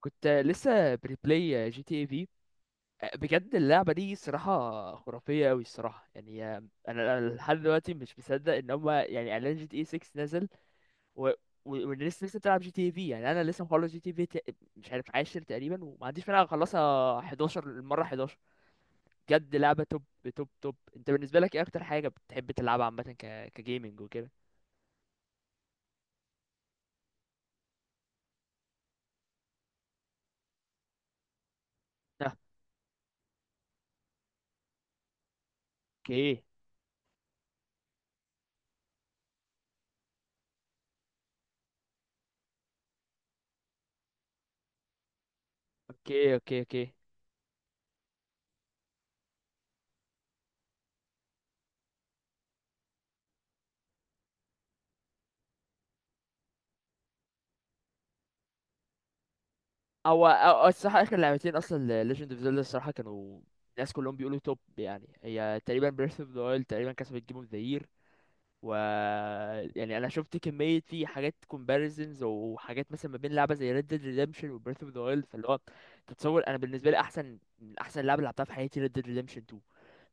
كنت لسه بريبلاي جي تي اي في. بجد اللعبة دي صراحة خرافية أوي الصراحة، يعني أنا لحد دلوقتي مش مصدق إن هما يعني إعلان جي تي اي 6 نزل، و... والناس لسه بتلعب جي تي اي في. يعني أنا لسه مخلص جي تي اي في مش عارف عاشر تقريبا، وما عنديش مانع أخلصها 11، المرة 11. بجد لعبة توب توب توب. أنت بالنسبة لك إيه أكتر حاجة بتحب تلعبها عامة كجيمنج وكده؟ آه، أوكي أوكي أوكي أوكي. هو أو الصراحة آخر لعبتين أصلا ل Legend of Zelda الصراحة، كانوا الناس كلهم بيقولوا توب، يعني هي تقريبا Breath of the Wild تقريبا كسبت Game of the Year. و يعني أنا شفت كمية في حاجات comparisons وحاجات، مثلا ما بين لعبة زي Red Dead Redemption و Breath of the Wild، فاللي هو تتصور أنا بالنسبة لي أحسن من أحسن لعبة لعبتها في حياتي Red Dead Redemption 2.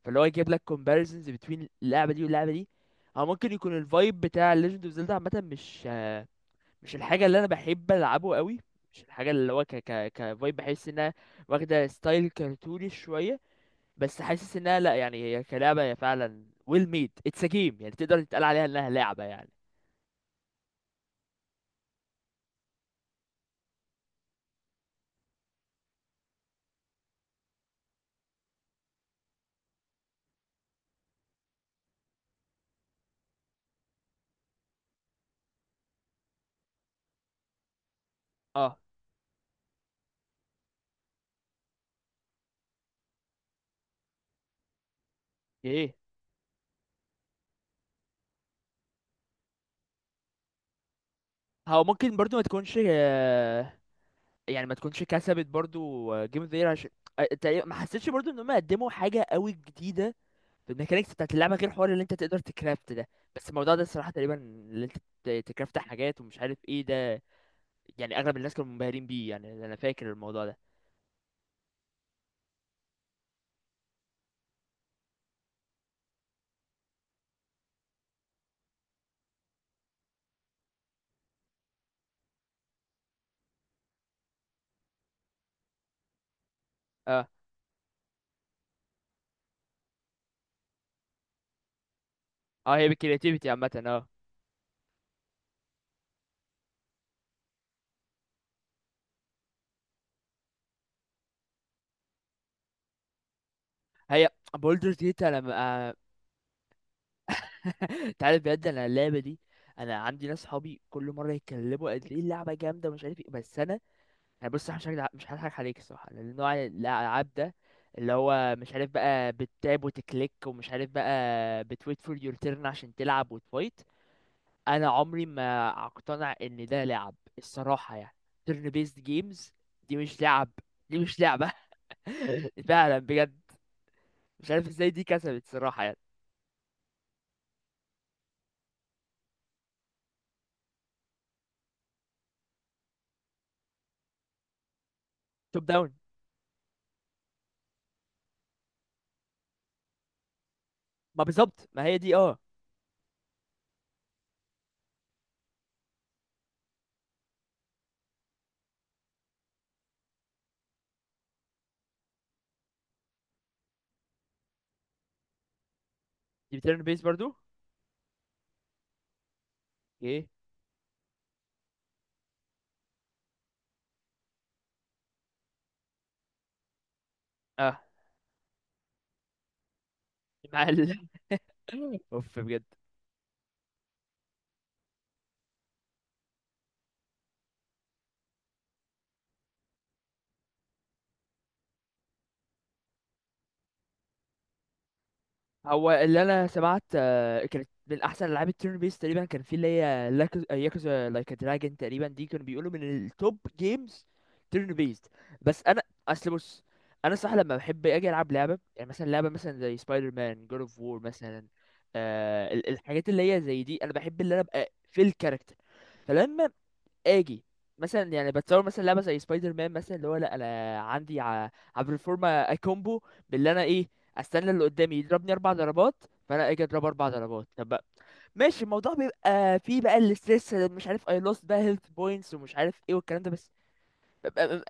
فاللي هو يجيب لك comparisons between اللعبة دي واللعبة دي. هو ممكن يكون الفايب بتاع Legend of Zelda عامة مش الحاجه اللي انا بحب العبه قوي، مش الحاجه اللي هو ك ك كفايب، بحس انها واخده ستايل كرتوني شويه. بس حاسس انها، لا يعني هي كلعبه، هي فعلا ويل ميد اتس ا جيم، يعني تقدر تتقال عليها انها لعبه يعني. اه، ايه. هو ممكن برضو ما تكونش، يعني ما تكونش كسبت برضو جيم اوف ذا يير، عشان ما حسيتش برضو ان هم قدموا حاجه قوي جديده في الميكانيكس بتاعت اللعبه، غير حوار اللي انت تقدر تكرافت ده. بس الموضوع ده الصراحه تقريبا اللي انت تكرافت حاجات ومش عارف ايه ده، يعني اغلب الناس كانوا منبهرين بيه، يعني انا فاكر الموضوع ده. اه اه، هي بالكرياتيفيتي عامه، اه. هي بولدر جيت انا انت عارف بجد انا اللعبه دي، انا عندي ناس صحابي كل مره يتكلموا قد ايه اللعبه جامده ومش عارف ايه بس انا، انا بص. أنا مش هضحك عليك الصراحه، لان نوع الالعاب ده اللي هو مش عارف بقى بتتاب وتكليك، ومش عارف بقى بتويت فور يور تيرن عشان تلعب وتفايت، انا عمري ما اقتنع ان ده لعب الصراحه يعني. تيرن بيست جيمز دي مش لعب، دي مش لعبة. فعلا بجد، مش عارف ازاي دي كسبت صراحة يعني. توب داون. ما بالظبط ما هي دي، اه. دي بتيرن بيس برضو. ايه، اه. مع ال... اوف بجد. هو اللي انا سمعت، كانت من احسن العاب التيرن بيس تقريبا، كان في اللي هي ياكوزا لايك دراجون تقريبا، دي كانوا بيقولوا من التوب جيمز تيرن بيست. بس انا، اصل بص، انا صح لما بحب اجي العب لعبه، يعني مثلا لعبه مثلا زي سبايدر مان، جود اوف وور مثلا، آه الحاجات اللي هي زي دي انا بحب، اللي انا ابقى في الكاركتر. فلما اجي، مثلا يعني بتصور مثلا لعبه زي سبايدر مان مثلا، اللي هو لا انا عندي عبر الفورمه كومبو باللي انا ايه، استنى اللي قدامي يضربني اربع ضربات، فانا اجي اضربه اربع ضربات. طب بقى ماشي، الموضوع بيبقى فيه بقى الاستريس، مش عارف اي لوست بقى هيلث بوينتس ومش عارف ايه والكلام ده، بس ببقى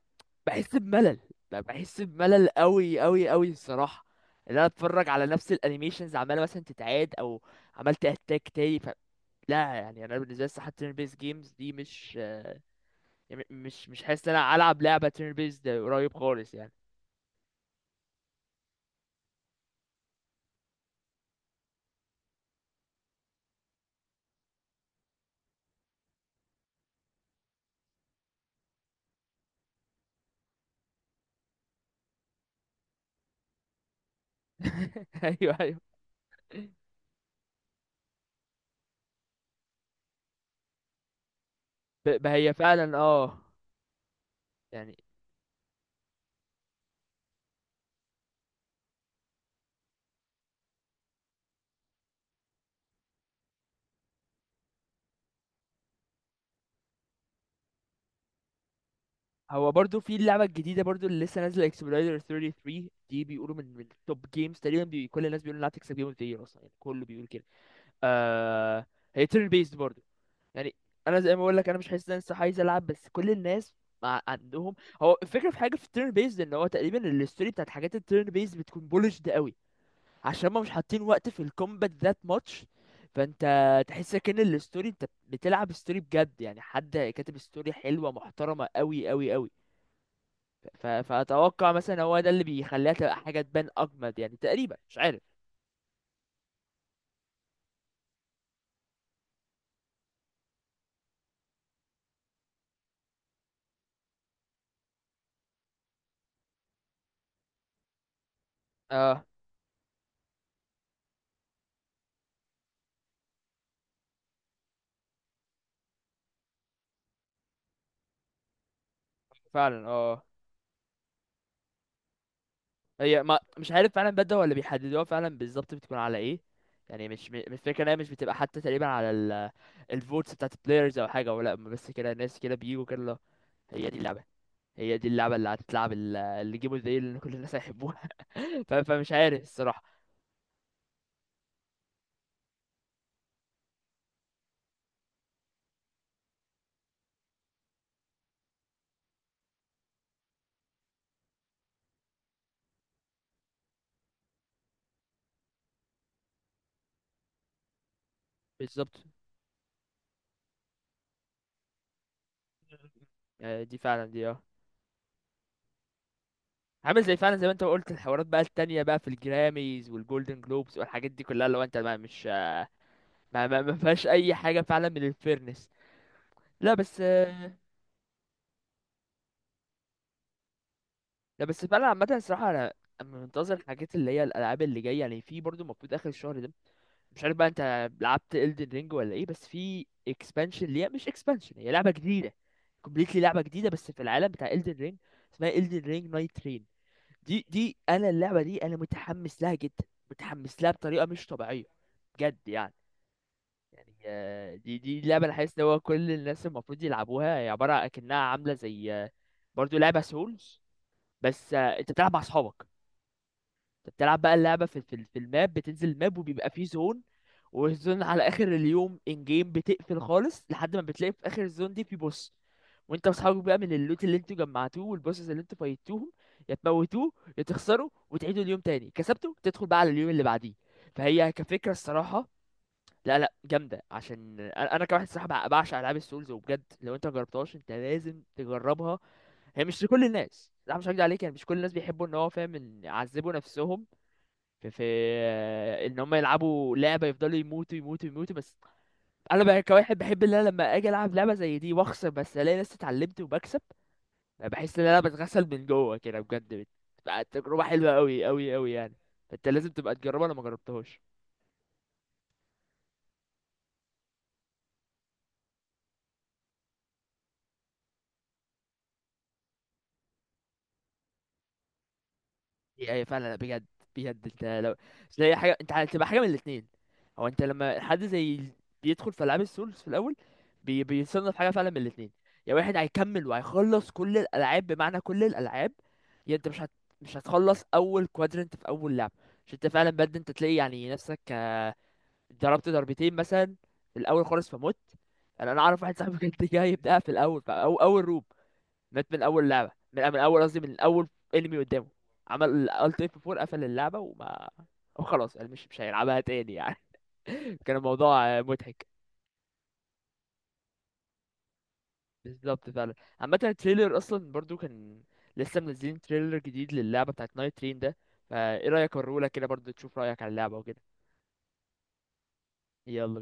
بحس بملل، ببقى بحس بملل قوي قوي قوي الصراحه. اللي انا اتفرج على نفس الانيميشنز عماله مثلا تتعاد او عملت اتاك تاني ف... لا يعني انا بالنسبه لي الصراحه turn based games دي مش، يعني مش حاسس ان انا العب لعبه تيرن بيست قريب خالص يعني. ايوه ايوه. ما هي فعلا اه. يعني هو برضو في اللعبه الجديده برضو اللي لسه نازله اكسبلويدر 33 دي بيقولوا من توب جيمز تقريبا، بي... كل الناس بيقولوا انها تكسب جيم اوف ذا يير اصلا، يعني كله بيقول كده. آه... هي تيرن بيست برضو، يعني انا زي ما بقول لك انا مش حاسس ان انا لسه عايز العب، بس كل الناس مع عندهم. هو الفكره في حاجه في التيرن بيست ان هو تقريبا الستوري بتاعت حاجات التيرن بيست بتكون بولشد قوي، عشان ما مش حاطين وقت في الكومبات ذات ماتش، فانت تحس كأن الستوري انت بتلعب ستوري بجد، يعني حد كاتب ستوري حلوه محترمه قوي قوي قوي. فاتوقع مثلا هو ده اللي بيخليها تبقى حاجه تبان اجمد يعني، تقريبا مش عارف. اه فعلا. اه هي، ما مش عارف فعلا بدأ ولا بيحددوها فعلا بالظبط بتكون على ايه. يعني مش الفكره ان هي مش بتبقى حتى تقريبا على ال الفوتس بتاعت البلايرز او حاجه، ولا بس كده ناس كده بيجوا كده، لا، هي دي اللعبه، هي دي اللعبة اللي هتتلعب اللي جيمه زي اللي كل الناس هيحبوها. فمش عارف الصراحة. بالظبط. دي فعلا دي، اه، عامل زي فعلا زي ما انت قلت الحوارات بقى التانية بقى في الجراميز والجولدن جلوبز والحاجات دي كلها، لو انت ما مش ما فيهاش اي حاجة فعلا من الفيرنس. لا بس لا بس فعلا عامة الصراحة أنا منتظر الحاجات اللي هي الألعاب اللي جاية، يعني في برضو المفروض آخر الشهر ده، مش عارف بقى أنت لعبت Elden Ring ولا إيه، بس في expansion ليها، مش expansion هي لعبة جديدة completely، لعبة جديدة بس في العالم بتاع Elden Ring، اسمها Elden Ring Night Train. دي أنا اللعبة دي أنا متحمس لها جدا، متحمس لها بطريقة مش طبيعية، بجد يعني. يعني دي لعبة أنا حاسس إن هو كل الناس المفروض يلعبوها، هي عبارة أكنها عاملة زي، برضو لعبة سولز، بس انت بتلعب مع اصحابك. انت بتلعب بقى اللعبه في في الماب، بتنزل الماب وبيبقى فيه زون، والزون على اخر اليوم ان جيم بتقفل خالص لحد ما بتلاقي في اخر الزون دي في بوس، وانت واصحابك بقى من اللوت اللي انتوا جمعتوه والبوسز اللي انتوا فايتوهم، يا تموتوه يا تخسروا وتعيدوا اليوم تاني كسبته تدخل بقى على اليوم اللي بعديه. فهي كفكره الصراحه، لا لا جامده عشان انا كواحد صراحه بعشق العاب السولز. وبجد لو انت مجربتهاش انت لازم تجربها. هي مش لكل الناس، لا مش هكدب عليك، يعني مش كل الناس بيحبوا ان هو فاهم ان يعذبوا نفسهم في ان هم يلعبوا لعبه يفضلوا يموتوا يموتوا يموتوا بس. انا بقى كواحد بحب ان انا لما اجي العب لعبه زي دي واخسر بس الاقي نفسي اتعلمت وبكسب، أنا بحس ان انا بتغسل من جوه كده بجد، بتبقى تجربه حلوه قوي قوي قوي يعني. فانت لازم تبقى تجربها لو ما جربتهاش. اي اي فعلا بجد. بجد انت لو زي حاجه، انت هتبقى حاجه من الاثنين. هو انت لما حد زي بيدخل في العاب السولز في الاول، بيصنف حاجه فعلا من الاثنين، يا واحد هيكمل وهيخلص كل الالعاب بمعنى كل الالعاب، يا انت مش هتخلص اول كوادرنت في اول لعبه. عشان انت فعلا بجد انت تلاقي يعني نفسك، ضربت ضربتين مثلا في الاول خالص فمت. انا اعرف واحد صاحبي كان جاي يبدأها في الاول في اول روب، مات من اول لعبه من اول قصدي من اول انمي قدامه، عمل الت اف 4، قفل اللعبه وخلاص قال مش مش هيلعبها تاني يعني. كان الموضوع مضحك. بالظبط فعلا. عامه التريلر اصلا برضو كان، لسه منزلين تريلر جديد للعبه بتاعت نايت ترين ده، فايه رايك اوريهولك كده برضو تشوف رايك على اللعبه وكده. يلا بينا.